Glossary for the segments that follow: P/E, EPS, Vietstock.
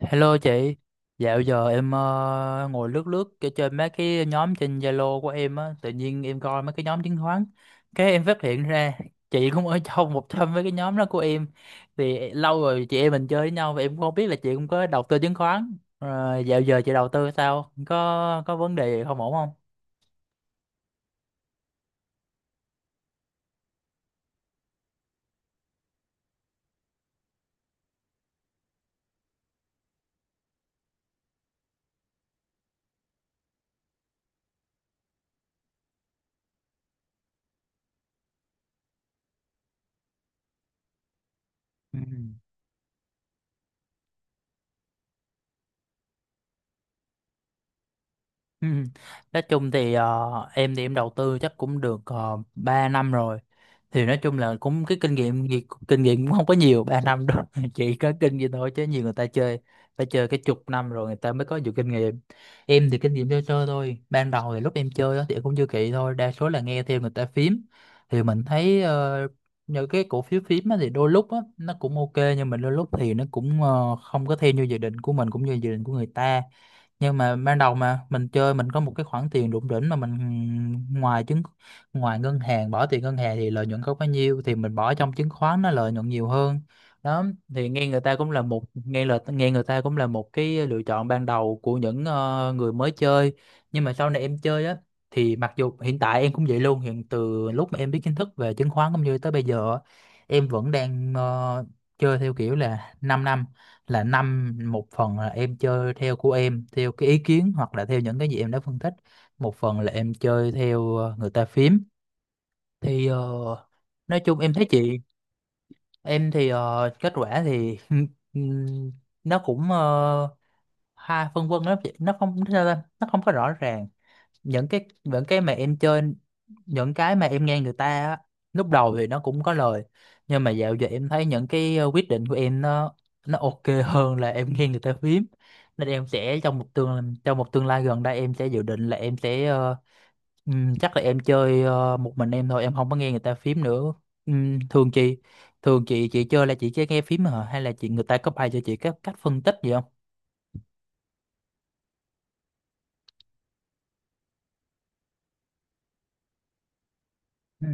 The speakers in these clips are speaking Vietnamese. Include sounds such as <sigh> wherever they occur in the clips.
Hello chị, dạo giờ em ngồi lướt lướt trên mấy cái nhóm trên Zalo của em á, tự nhiên em coi mấy cái nhóm chứng khoán, cái em phát hiện ra chị cũng ở trong một trong mấy cái nhóm đó của em. Thì lâu rồi chị em mình chơi với nhau và em cũng không biết là chị cũng có đầu tư chứng khoán. Ờ, Dạo giờ chị đầu tư sao, có vấn đề gì không ổn không? Ừ. Ừ. Nói chung thì em thì em đầu tư chắc cũng được 3 năm rồi, thì nói chung là cũng cái kinh nghiệm gì- kinh nghiệm cũng không có nhiều 3 năm đâu <laughs> chỉ có kinh nghiệm thôi, chứ nhiều người ta chơi phải chơi cái chục năm rồi người ta mới có nhiều kinh nghiệm. Em thì kinh nghiệm chơi chơi thôi, ban đầu thì lúc em chơi á thì em cũng chưa kỹ thôi, đa số là nghe theo người ta phím. Thì mình thấy những cái cổ phiếu phím á thì đôi lúc á nó cũng ok, nhưng mà đôi lúc thì nó cũng không có theo như dự định của mình cũng như dự định của người ta. Nhưng mà ban đầu mà mình chơi, mình có một cái khoản tiền đụng đỉnh mà mình ngoài chứng ngoài ngân hàng, bỏ tiền ngân hàng thì lợi nhuận không bao nhiêu, thì mình bỏ trong chứng khoán nó lợi nhuận nhiều hơn đó. Thì nghe người ta cũng là một cái lựa chọn ban đầu của những người mới chơi. Nhưng mà sau này em chơi á, thì mặc dù hiện tại em cũng vậy luôn, hiện từ lúc mà em biết kiến thức về chứng khoán cũng như tới bây giờ á, em vẫn đang chơi theo kiểu là 5 năm năm, là năm một phần là em chơi theo của em, theo cái ý kiến hoặc là theo những cái gì em đã phân tích, một phần là em chơi theo người ta phím. Thì nói chung em thấy chị, em thì kết quả thì <laughs> ừm, nó cũng ha phân vân lắm chị, nó không sao ta, nó không có rõ ràng. Những cái, mà em chơi, những cái mà em nghe người ta á, lúc đầu thì nó cũng có lời, nhưng mà dạo giờ em thấy những cái quyết định của em, nó ok hơn là em nghe người ta phím. Nên em sẽ trong một tương lai gần đây, em sẽ dự định là em sẽ chắc là em chơi một mình em thôi, em không có nghe người ta phím nữa. Ừm, thường chị thường chị chơi là chị chỉ nghe phím hả, hay là chị người ta có bài cho chị các cách phân tích gì không? Ừ.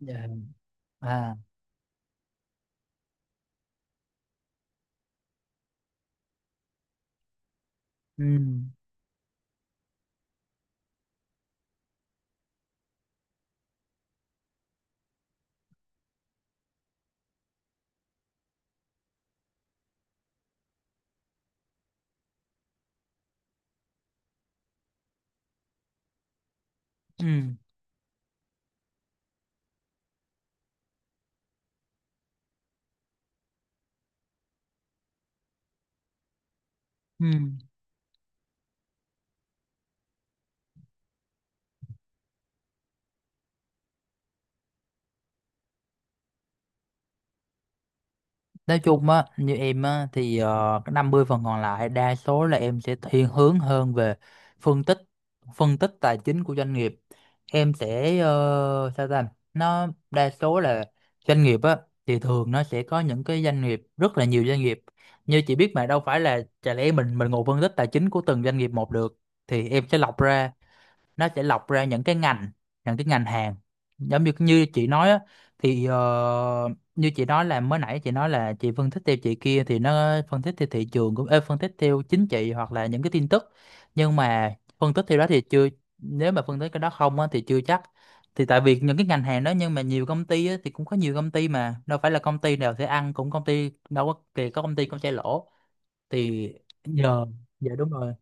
Dạ. À. Ừ. Ừ. Ừ. Nói chung á, như em á thì cái 50 phần còn lại đa số là em sẽ thiên hướng hơn về phân tích, tài chính của doanh nghiệp. Em sẽ sao ta, nó đa số là doanh nghiệp á thì thường nó sẽ có những cái doanh nghiệp, rất là nhiều doanh nghiệp như chị biết, mà đâu phải là chả lẽ mình ngồi phân tích tài chính của từng doanh nghiệp một được. Thì em sẽ lọc ra, nó sẽ lọc ra những cái ngành, hàng, giống như như chị nói á, thì như chị nói là mới nãy chị nói là chị phân tích theo chị kia, thì nó phân tích theo thị trường, cũng phân tích theo chính trị hoặc là những cái tin tức. Nhưng mà phân tích theo đó thì chưa, nếu mà phân tích cái đó không á thì chưa chắc, thì tại vì những cái ngành hàng đó, nhưng mà nhiều công ty á, thì cũng có nhiều công ty mà đâu phải là công ty nào sẽ ăn, cũng công ty đâu có kì, có công ty cũng sẽ lỗ. Thì giờ, dạ đúng rồi.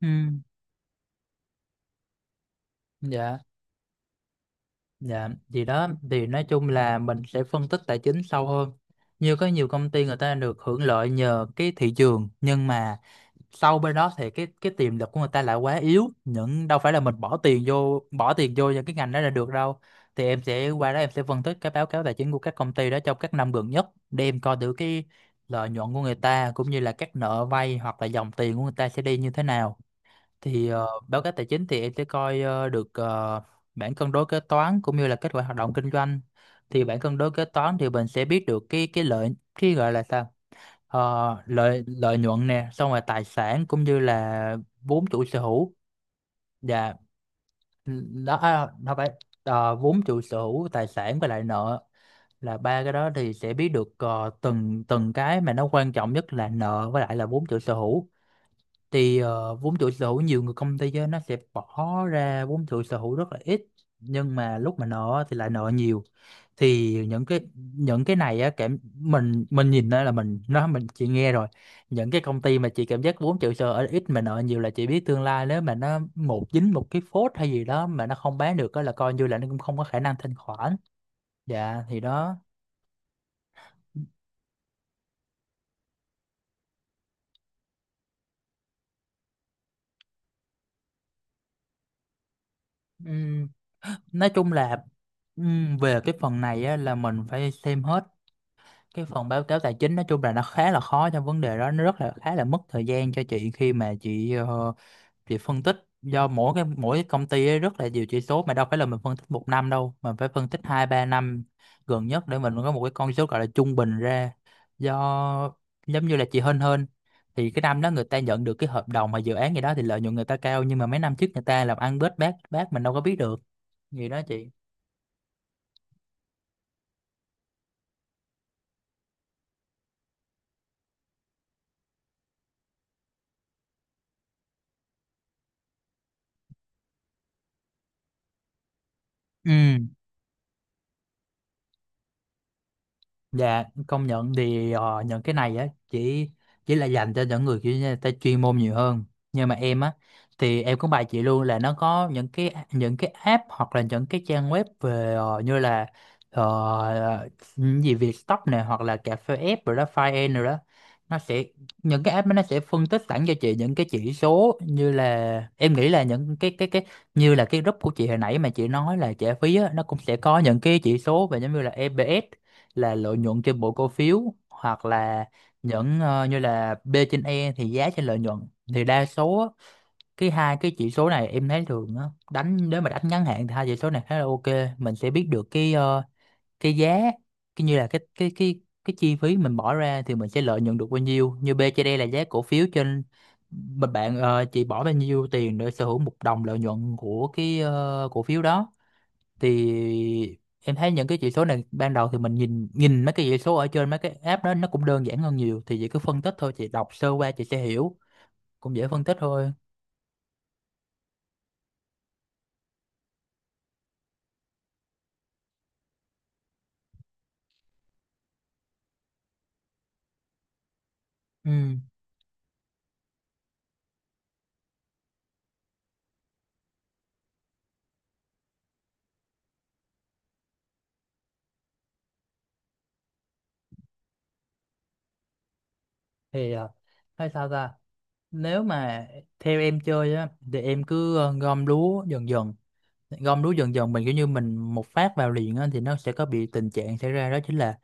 Ừ. Dạ. Dạ, thì đó, thì nói chung là mình sẽ phân tích tài chính sâu hơn. Như có nhiều công ty người ta được hưởng lợi nhờ cái thị trường, nhưng mà sau bên đó thì cái tiềm lực của người ta lại quá yếu. Những đâu phải là mình bỏ tiền vô những cái ngành đó là được đâu. Thì em sẽ qua đó, em sẽ phân tích cái báo cáo tài chính của các công ty đó trong các năm gần nhất để em coi thử cái lợi nhuận của người ta, cũng như là các nợ vay hoặc là dòng tiền của người ta sẽ đi như thế nào. Thì báo cáo tài chính thì em sẽ coi được, bảng cân đối kế toán cũng như là kết quả hoạt động kinh doanh. Thì bảng cân đối kế toán thì mình sẽ biết được cái lợi, cái gọi là sao, Ờ, lợi lợi nhuận nè, xong rồi tài sản cũng như là vốn chủ sở hữu và đó. À, nó phải vốn chủ sở hữu, tài sản và lại nợ, là ba cái đó thì sẽ biết được từng từng cái mà nó quan trọng nhất là nợ với lại là vốn chủ sở hữu. Thì vốn chủ sở hữu nhiều người công ty á, nó sẽ bỏ ra vốn chủ sở hữu rất là ít, nhưng mà lúc mà nợ thì lại nợ nhiều. Thì những cái, này á, cảm mình, nhìn đó là mình nó mình chỉ nghe rồi, những cái công ty mà chị cảm giác vốn chủ sở hữu ít mà nợ nhiều là chị biết tương lai nếu mà nó một dính một cái phốt hay gì đó mà nó không bán được á là coi như là nó cũng không có khả năng thanh khoản. Dạ, thì đó. Ừm, nói chung là về cái phần này á, là mình phải xem hết cái phần báo cáo tài chính. Nói chung là nó khá là khó trong vấn đề đó, nó rất là khá là mất thời gian cho chị khi mà chị chị phân tích, do mỗi cái công ty ấy rất là nhiều chỉ số, mà đâu phải là mình phân tích 1 năm đâu, mà phải phân tích 2-3 năm gần nhất để mình có một cái con số gọi là trung bình ra. Do giống như là chị Hên Hên thì cái năm đó người ta nhận được cái hợp đồng mà dự án gì đó thì lợi nhuận người ta cao, nhưng mà mấy năm trước người ta làm ăn bết bát bát mình đâu có biết được gì đó chị. Ừ. Dạ, công nhận thì những cái này á chỉ là dành cho những người kiểu như người ta chuyên môn nhiều hơn. Nhưng mà em á thì em cũng bài chị luôn là nó có những cái, app hoặc là những cái trang web về như là ờ, những gì Vietstock này hoặc là cà phê app rồi đó, Fine rồi đó. Nó sẽ, những cái app đó nó sẽ phân tích sẵn cho chị những cái chỉ số, như là em nghĩ là những cái như là cái group của chị hồi nãy mà chị nói là trả phí á, nó cũng sẽ có những cái chỉ số về, giống như là EPS là lợi nhuận trên mỗi cổ phiếu, hoặc là những như là P/E thì giá trên lợi nhuận. Thì đa số á, cái hai cái chỉ số này em thấy thường á, đánh, nếu mà đánh ngắn hạn thì hai chỉ số này khá là ok. Mình sẽ biết được cái cái giá, cái như là cái chi phí mình bỏ ra thì mình sẽ lợi nhuận được bao nhiêu, như P trên E là giá cổ phiếu trên, mà bạn chỉ bỏ bao nhiêu tiền để sở hữu một đồng lợi nhuận của cái cổ phiếu đó. Thì em thấy những cái chỉ số này ban đầu thì mình nhìn, mấy cái chỉ số ở trên mấy cái app đó nó cũng đơn giản hơn nhiều, thì chị cứ phân tích thôi, chị đọc sơ qua chị sẽ hiểu, cũng dễ phân tích thôi. Ừ. Thì hay sao ta, nếu mà theo em chơi á thì em cứ gom lúa dần dần. Gom lúa dần dần, mình kiểu như mình một phát vào liền á thì nó sẽ có bị tình trạng xảy ra, đó chính là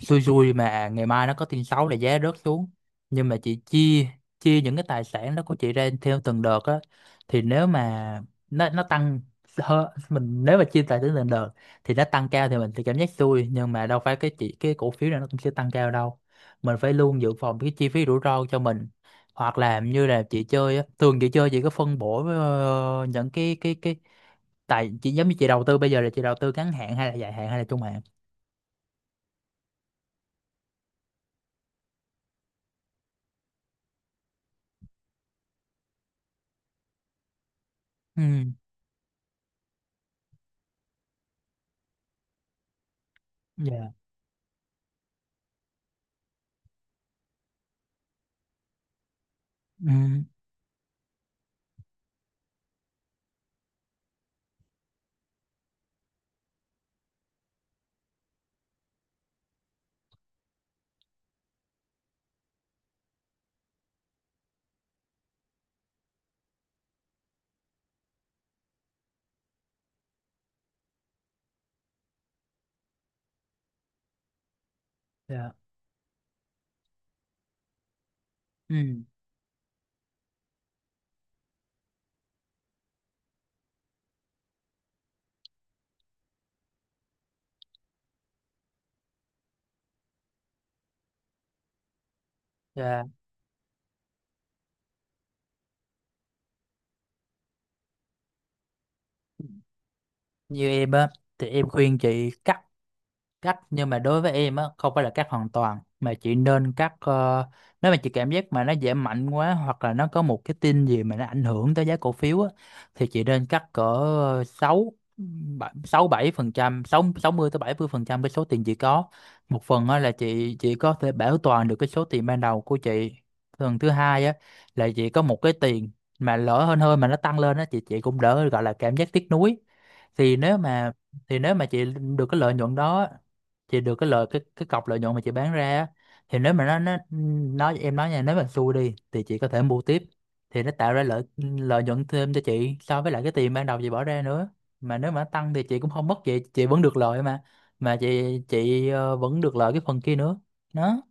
xui xui mà ngày mai nó có tin xấu là giá rớt xuống. Nhưng mà chị chia, những cái tài sản đó của chị ra theo từng đợt á, thì nếu mà nó tăng, mình nếu mà chia tài sản từng đợt thì nó tăng cao thì mình sẽ cảm giác xui, nhưng mà đâu phải cái cổ phiếu này nó cũng sẽ tăng cao đâu, mình phải luôn dự phòng cái chi phí rủi ro cho mình. Hoặc là như là chị chơi á, thường chị chơi chị có phân bổ những cái, tại chị giống như chị đầu tư bây giờ là chị đầu tư ngắn hạn hay là dài hạn hay là trung hạn. Ừ. Dạ. Ừ. Dạ. Ừ. Dạ. Như em á thì em khuyên chị cắt, nhưng mà đối với em á không phải là cắt hoàn toàn, mà chị nên cắt nếu mà chị cảm giác mà nó giảm mạnh quá hoặc là nó có một cái tin gì mà nó ảnh hưởng tới giá cổ phiếu á, thì chị nên cắt cỡ sáu, sáu bảy phần trăm, sáu, 60 tới 70% cái số tiền chị có. Một phần á là chị có thể bảo toàn được cái số tiền ban đầu của chị, phần thứ hai á là chị có một cái tiền mà lỡ hơn hơn mà nó tăng lên á, chị cũng đỡ gọi là cảm giác tiếc nuối. Thì nếu mà, chị được cái lợi nhuận đó, chị được cái lợi, cái cọc lợi nhuận mà chị bán ra á, thì nếu mà nó nói, em nói nha, nếu mà xui đi thì chị có thể mua tiếp, thì nó tạo ra lợi lợi nhuận thêm cho chị so với lại cái tiền ban đầu chị bỏ ra nữa. Mà nếu mà nó tăng thì chị cũng không mất gì, chị vẫn được lợi mà, chị vẫn được lợi cái phần kia nữa. Đó.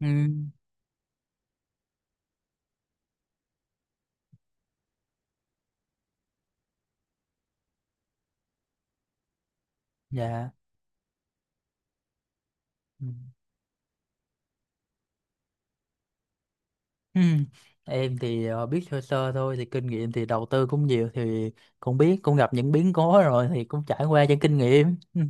Ừ. Dạ. Ừ. Ừ. Em thì biết sơ sơ thôi, thì kinh nghiệm thì đầu tư cũng nhiều, thì cũng biết, cũng gặp những biến cố rồi thì cũng trải qua những kinh nghiệm. Ừ.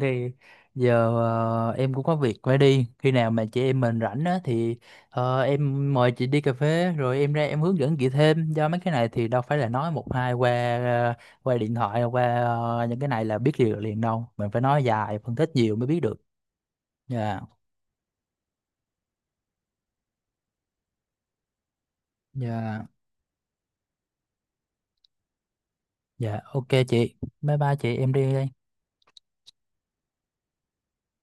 Thì giờ em cũng có việc phải đi, khi nào mà chị em mình rảnh á thì em mời chị đi cà phê rồi em ra em hướng dẫn chị thêm, do mấy cái này thì đâu phải là nói một hai qua ờ, qua điện thoại qua những cái này là biết liền liền đâu, mình phải nói dài phân tích nhiều mới biết được. Dạ. Dạ. Dạ, ok chị, bye bye chị, em đi đây.